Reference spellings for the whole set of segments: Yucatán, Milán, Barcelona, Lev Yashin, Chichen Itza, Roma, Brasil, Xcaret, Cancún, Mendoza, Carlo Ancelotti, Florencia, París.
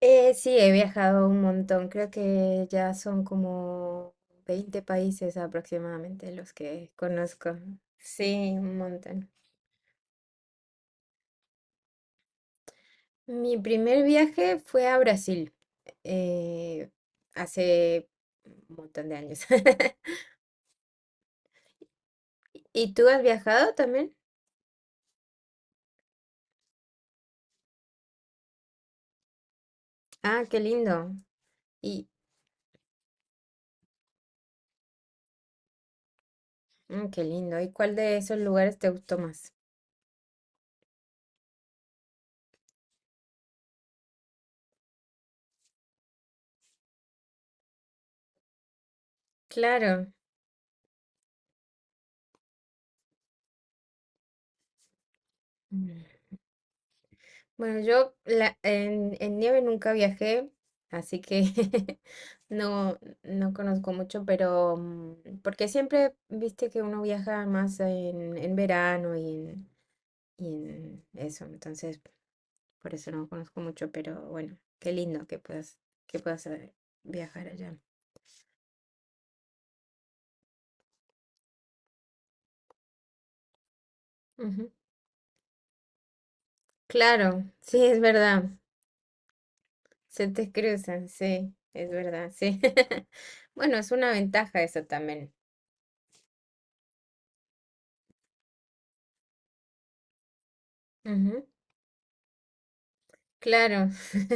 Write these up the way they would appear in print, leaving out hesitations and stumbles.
Sí, he viajado un montón. Creo que ya son como 20 países aproximadamente los que conozco. Sí, un montón. Mi primer viaje fue a Brasil, eh, hace un montón de años. ¿Y tú has viajado también? Ah, qué lindo. Y qué lindo. ¿Y cuál de esos lugares te gustó más? Claro. Bueno, en nieve nunca viajé, así que no, no conozco mucho, pero, porque siempre viste que uno viaja más en verano y en eso, entonces por eso no conozco mucho, pero bueno, qué lindo que puedas viajar allá. Ujú. Claro, sí, es verdad, se te cruzan, sí, es verdad, sí. Bueno, es una ventaja eso también. Ujú, claro.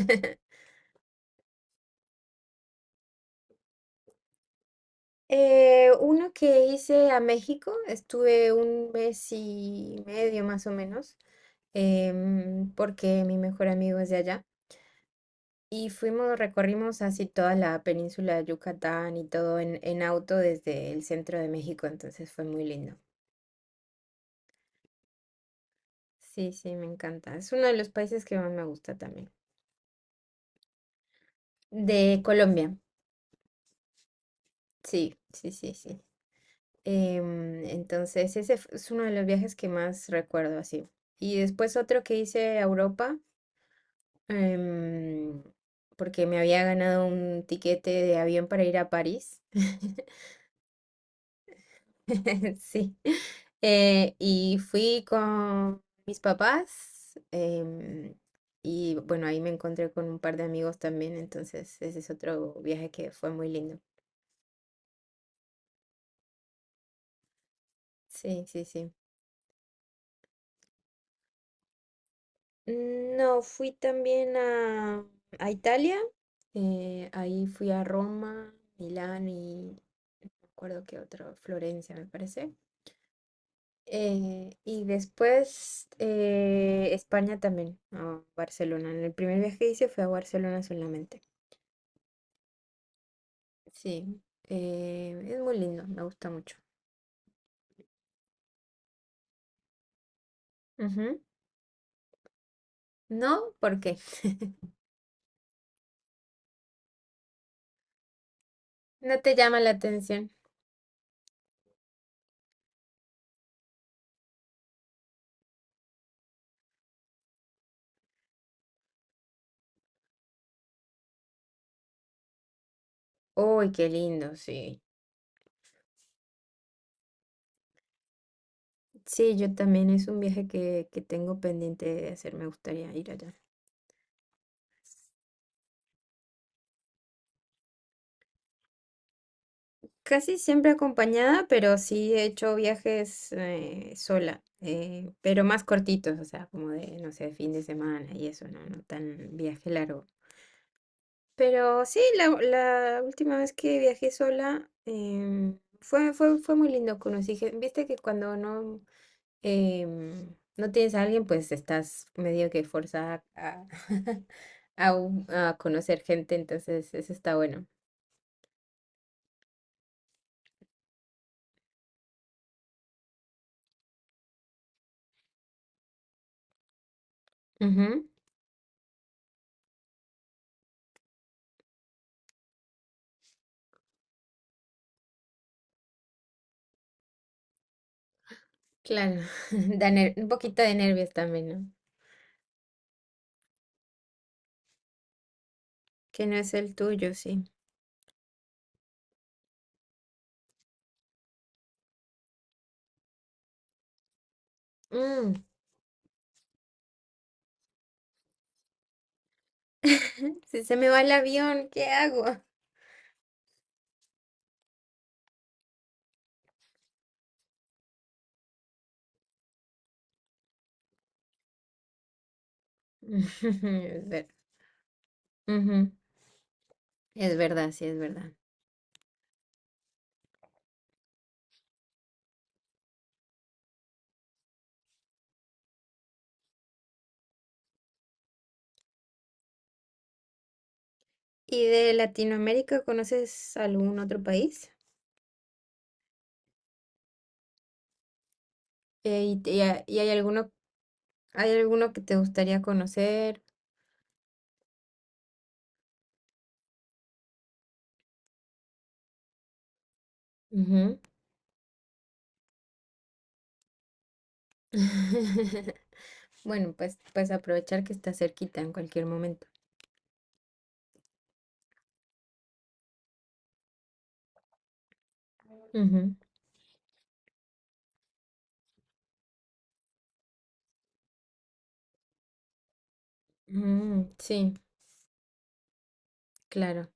Uno que hice a México, estuve un mes y medio más o menos, porque mi mejor amigo es de allá. Y fuimos, recorrimos así toda la península de Yucatán y todo en auto desde el centro de México, entonces fue muy lindo. Sí, sí, me encanta. Es uno de los países que más me gusta también. De Colombia, sí, sí, sí, sí. Entonces, es uno de los viajes que más recuerdo así. Y después otro que hice a Europa, em, porque me había ganado un tiquete de avión para ir a París. Sí. Y fui con mis papás. Y bueno, ahí me encontré con un par de amigos también. Entonces, ese es otro viaje que fue muy lindo. Sí, sí, sí. No, fui también a Italia. Ahí fui a Roma, Milán y no me acuerdo qué otro, Florencia, me parece. Y después España también, a Barcelona. En el primer viaje que hice fue a Barcelona solamente. Sí, es muy lindo, me gusta mucho. Ujú. No, ¿por qué? No te llama la atención. Uy, qué lindo, sí. Sí, yo también es un viaje que tengo pendiente de hacer, me gustaría ir allá. Casi siempre acompañada, pero sí he hecho viajes sola, pero más cortitos, o sea, como de, no sé, fin de semana y eso, no, no tan viaje largo. Pero sí, la última vez que viajé sola, fue muy lindo. Viste que cuando no, no tienes a alguien, pues estás medio que forzada a, a conocer gente, entonces eso está bueno. Claro, un poquito de nervios también, ¿no? Que no es el tuyo, sí. Mm, Si se me va el avión, ¿qué hago? Es ver- Ujú, es verdad, sí, es verdad. ¿Y de Latinoamérica conoces algún otro país? ¿Y hay alguno que te gustaría conocer? Ujú. Bueno, pues aprovechar que está cerquita en cualquier momento. Ujú. Mm, sí, claro.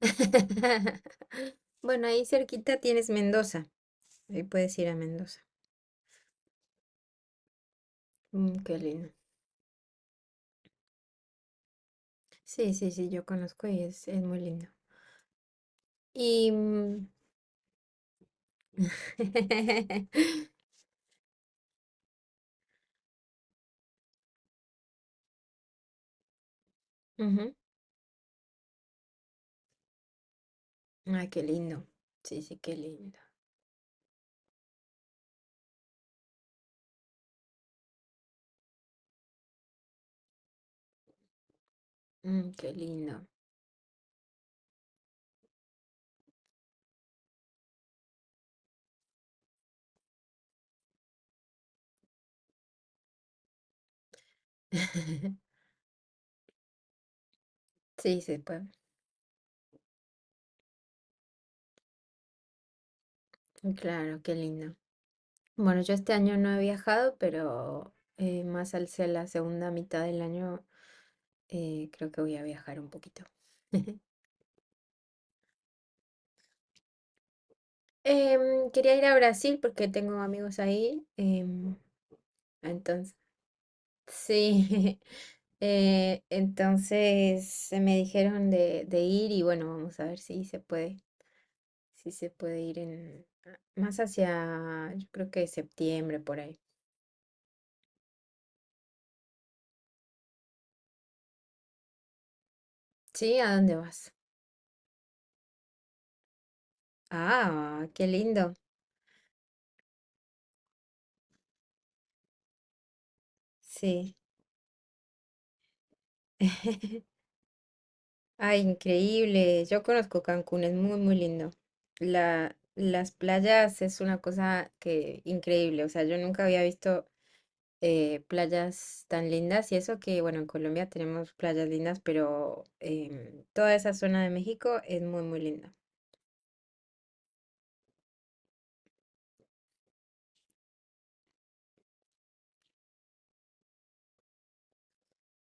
Bueno, ahí cerquita tienes Mendoza. Ahí puedes ir a Mendoza. Mm, qué lindo. Sí, sí, sí, yo conozco y es muy lindo. Y... mm, ujú. Ay, qué lindo. Sí, sí, qué lindo. Mm, qué lindo. Sí, sí, pues, claro, qué lindo. Bueno, yo este año no he viajado, pero más al ser la segunda mitad del año, creo que voy a viajar un poquito. Quería ir a Brasil porque tengo amigos ahí. Entonces sí. Me dijeron de ir y bueno, vamos a ver si se puede, si se puede ir en más hacia, yo creo que septiembre por ahí. Sí, ¿a dónde vas? Ah, qué lindo. Sí. Ay, increíble. Yo conozco Cancún, es muy, muy lindo. Las playas es una cosa que increíble. O sea, yo nunca había visto playas tan lindas y eso que, bueno, en Colombia tenemos playas lindas, pero toda esa zona de México es muy, muy linda.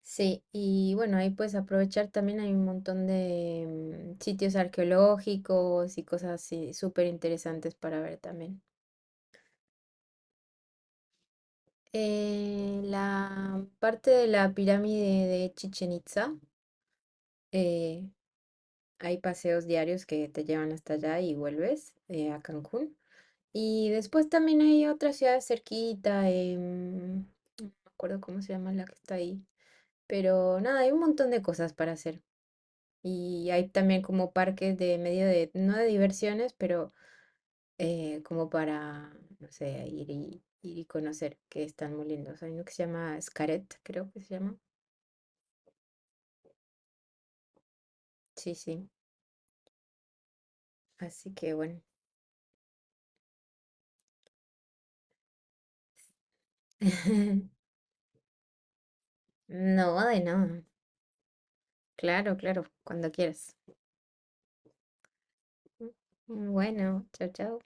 Sí, y bueno, ahí puedes aprovechar también hay un montón de sitios arqueológicos y cosas así súper interesantes para ver también. La parte de la pirámide de Chichen Itza, eh, hay paseos diarios que te llevan hasta allá y vuelves a Cancún. Y después también hay otra ciudad cerquita, no me acuerdo cómo se llama la que está ahí. Pero nada, hay un montón de cosas para hacer. Y hay también como parques de no de diversiones, pero como para, no sé, ir ir y conocer, que están muy lindos. Hay uno que se llama Xcaret, creo que se llama. Sí, sí. Así que bueno. No, de no. Claro, claro, cuando quieras. Bueno, chao, chao.